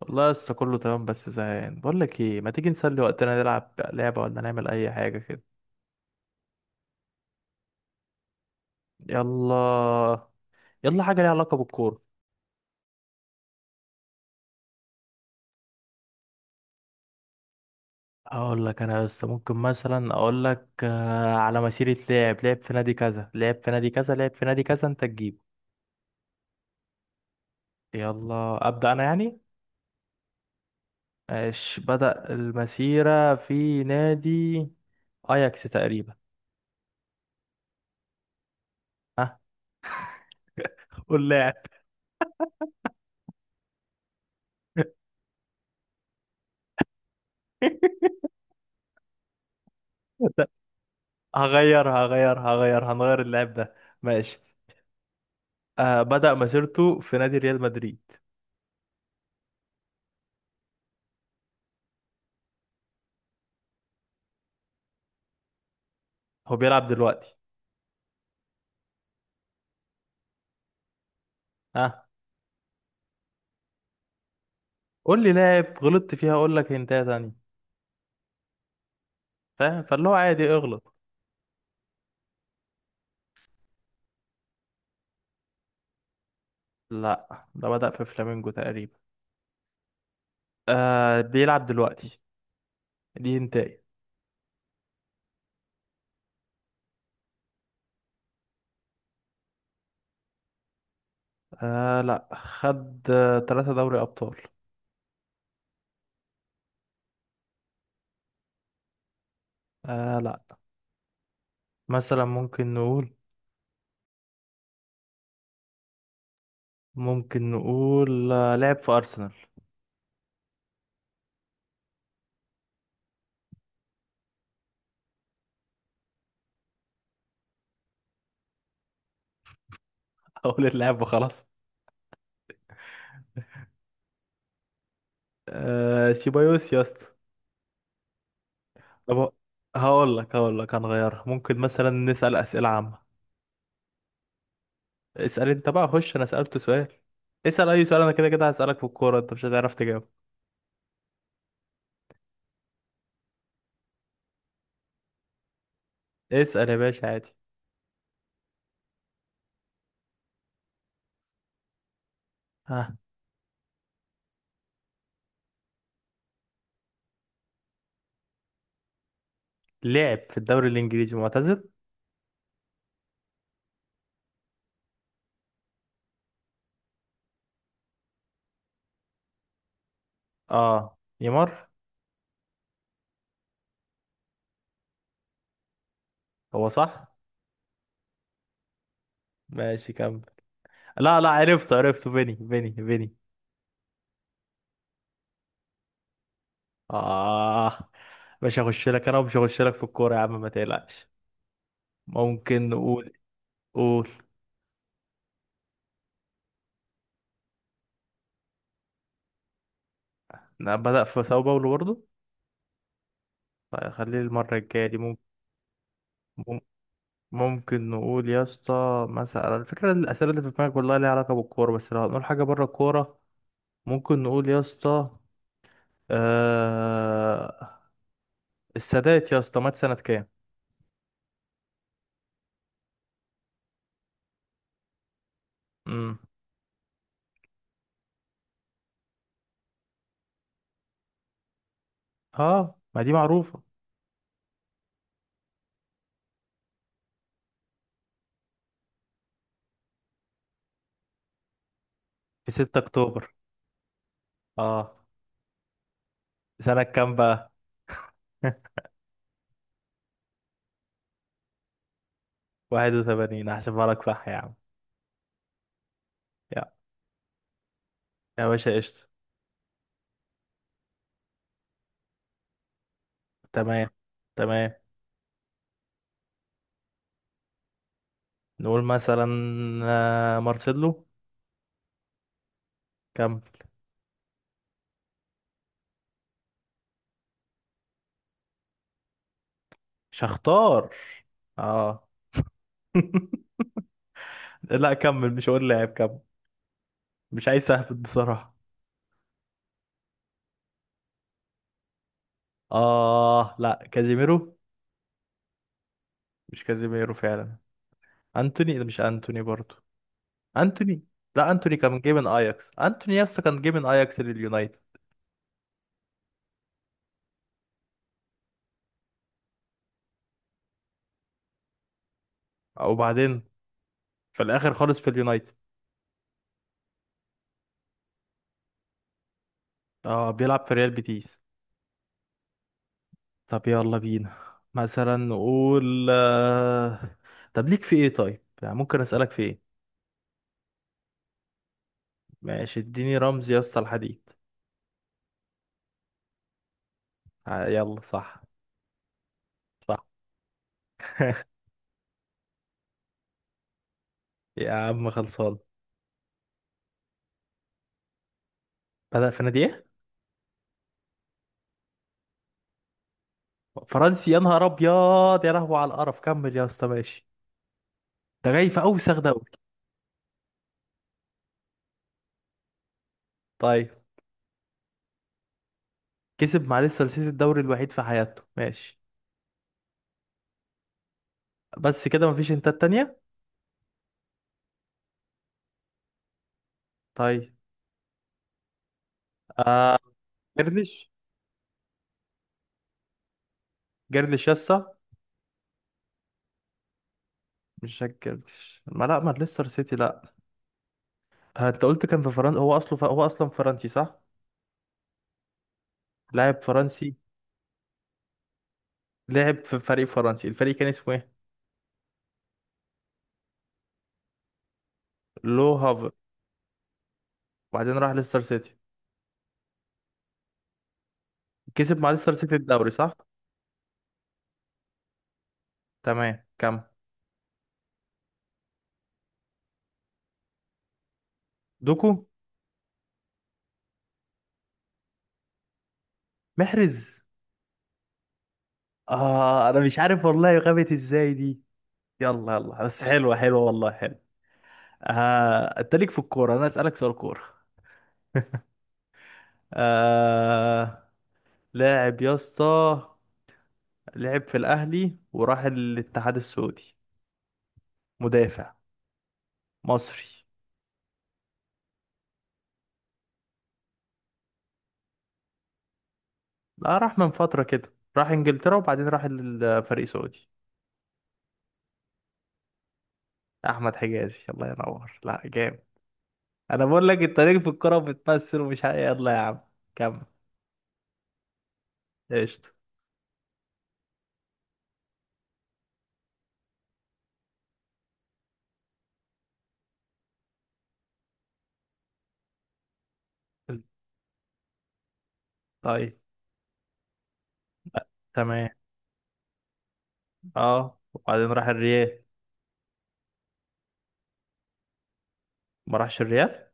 والله لسه كله تمام بس زهقان بقول لك ايه ما تيجي نسلي وقتنا نلعب لعبة ولا نعمل اي حاجة كده. يلا. يلا حاجة ليها علاقة بالكورة. اقول لك انا لسه ممكن مثلا اقول لك على مسيرة لاعب لعب في نادي كذا لعب في نادي كذا لعب في نادي كذا انت تجيبه. يلا ابدأ انا يعني. ماشي بدأ المسيرة في نادي اياكس تقريبا. ها، قول لاعب. هغيرها، هنغير اللاعب ده. ماشي. آه بدأ مسيرته في نادي ريال مدريد. هو بيلعب دلوقتي. ها، قول لي لاعب غلطت فيها اقول لك هنتايه تانية. فاهم، فاللي هو عادي اغلط. لا ده بدأ في فلامينجو تقريبا. آه بيلعب دلوقتي. دي هنتايه. آه لا، خد 3 دوري أبطال. آه لا. مثلا ممكن نقول، ممكن نقول آه لعب في أرسنال. أقول اللعب وخلاص. آه سيبايوس يا اسطى. طب هقول لك هنغيرها، ممكن مثلا نسأل أسئلة عامة. اسأل انت بقى، خش انا سألت سؤال. اسأل اي سؤال، انا كده كده هسألك في الكورة انت مش هتعرف تجاوب. اسأل يا باشا عادي. ها، لعب في الدوري الانجليزي معتزل. اه نيمار. هو صح. ماشي كمل. لا لا، عرفته عرفته فيني. اه، مش هخش لك انا ومش هخش لك في الكورة يا عم ما تقلقش. ممكن نقول، قول. لا بدأ في ساو باولو برضه. طيب خليه المرة الجاية دي. ممكن، ممكن نقول يا اسطى مثلا، الفكرة الأسئلة اللي في دماغك والله ليها علاقة بالكورة، بس لو هنقول حاجة بره الكورة. ممكن نقول يا اسطى، آه... السادات يا اسطى مات سنة كام؟ امم اه ما دي معروفة. في 6 أكتوبر، اه. سنة كام بقى؟ 81 هحسبها لك صح يا عم. يا، يا باشا قشطة. تمام تمام. نقول مثلا مارسيلو. كم؟ شختار، اه. لا كمل، مش هقول لاعب كمل. مش عايز اهبط بصراحة. اه لا، كازيميرو. مش كازيميرو فعلا. انتوني، لا مش انتوني برضو. انتوني. لا انتوني كان جاي من اياكس، انتوني يسطا كان جاي من اياكس لليونايتد. وبعدين، في الاخر خالص في اليونايتد. اه بيلعب في ريال بيتيس. طب يلا بينا، مثلا نقول طب ليك في ايه طيب، يعني ممكن اسالك في ايه. ماشي اديني رمز يا اسطى الحديد. يلا صح. صح. يا عم خلصان. بدأ في نادي ايه؟ فرنسي، يا نهار ابيض يا لهوي على القرف. كمل يا اسطى ماشي، ده جاي في اوسخ دوري. طيب. كسب مع، لسه سلسلة الدوري الوحيد في حياته ماشي. بس كده مفيش، انت التانية. طيب. آه جرليش. جرليش يا اسطى. مش جاك جرليش، ما ليستر سيتي لا. انت قلت كان في فرنسا، هو اصله ف... هو اصلا فرنسي صح. لاعب فرنسي، لعب في فريق فرنسي، الفريق كان اسمه ايه؟ لو هافر. وبعدين راح ليستر سيتي. كسب مع ليستر سيتي الدوري صح. تمام كم. دوكو. محرز. آه أنا مش عارف والله غابت إزاي دي. يلا يلا، بس حلوة حلوة والله، حلوة. آه أنت ليك في الكورة، أنا أسألك سؤال كورة. آه لاعب يا اسطى، لعب في الأهلي وراح الاتحاد السعودي. مدافع، مصري. لا راح من فترة كده، راح إنجلترا وبعدين راح الفريق سعودي. أحمد حجازي، الله ينور، لا جامد. أنا بقول لك أنت ليك في الكورة وبتمثل ومش عارف، يلا يا عم كمل. قشطة. طيب. تمام، اه. وبعدين راح الريال. ما راحش الريال.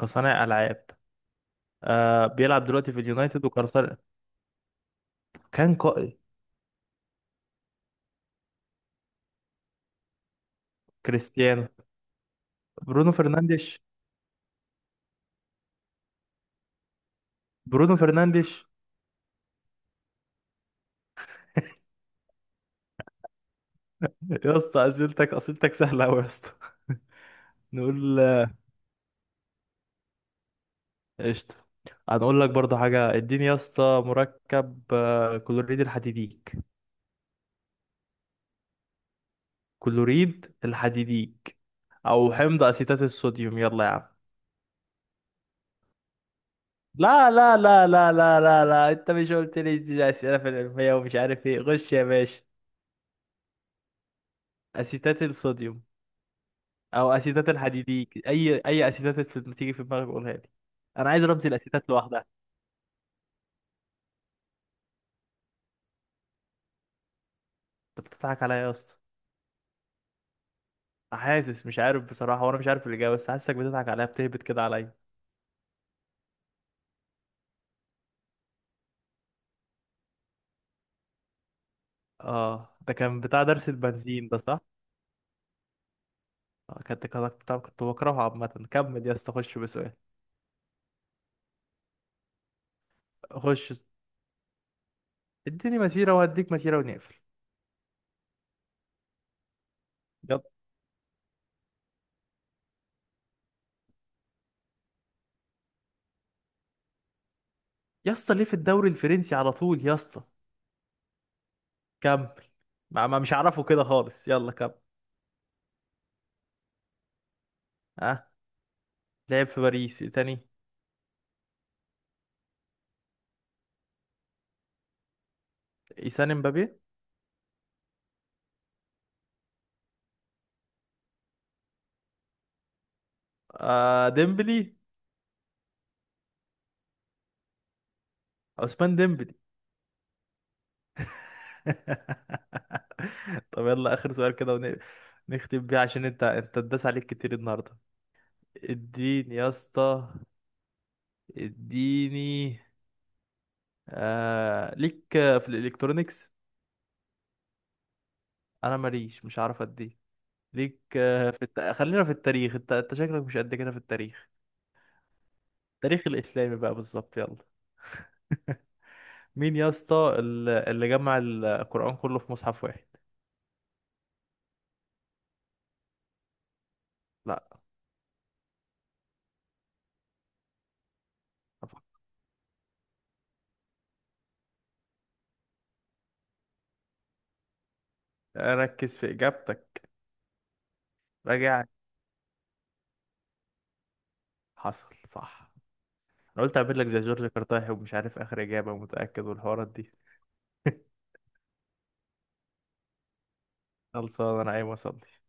كصانع العاب. آه بيلعب دلوقتي في اليونايتد وكرسال. كان قائد. كريستيانو. برونو فرنانديش. برونو فرنانديش. يا اسطى اسئلتك اسئلتك سهله قوي يا اسطى. نقول قشطه. هنقول لك برضه حاجه، اديني يا اسطى مركب كلوريد الحديديك. كلوريد الحديديك، او حمض اسيتات الصوديوم، يلا يا عم. لا لا لا لا لا لا لا، انت مش قلت لي دي اسئله في العلميه ومش عارف ايه، غش يا باشا. اسيتات الصوديوم. او اسيتات الحديديك، اي اسيتات في- تيجي في دماغك قولها لي. انا عايز رمز الاسيتات لوحدها. انت بتضحك عليا يا اسطى. حاسس، مش عارف بصراحه وانا مش عارف الاجابه، بس حاسسك بتضحك عليا بتهبط كده عليا. اه ده كان بتاع درس البنزين ده صح. كنت بتاع- كنت بكرهه عامه، كمل يا اسطى خش بسؤال. خش. اديني مسيره وهديك مسيره ونقفل. يلا. يا اسطى ليه في الدوري الفرنسي على طول يا اسطى. كمل. ما مش عارفه كده خالص، يلا كمل. ها، لعب في باريس إيه تاني؟ إيسان امبابي. آه ديمبلي. عثمان ديمبلي. طب يلا آخر سؤال كده، ون- نختم بيه عشان انت اتداس عليك كتير النهارده. اديني يا اسطى، اديني. آه ليك في الالكترونيكس. انا ماليش، مش عارف اديه. ليك في الت... خلينا في التاريخ، انت شكلك مش قد كده في التاريخ. التاريخ الاسلامي بقى بالظبط، يلا. مين يا اسطى ال- اللي جمع القرآن كله في مصحف واحد؟ لا. طبعا. ركز في إجابتك. راجع. حصل صح. انا قلت اعمل لك زي جورج كرتاحي، ومش عارف اخر إجابة متأكد والحوارات دي. خلصان، انا عايز اصلي.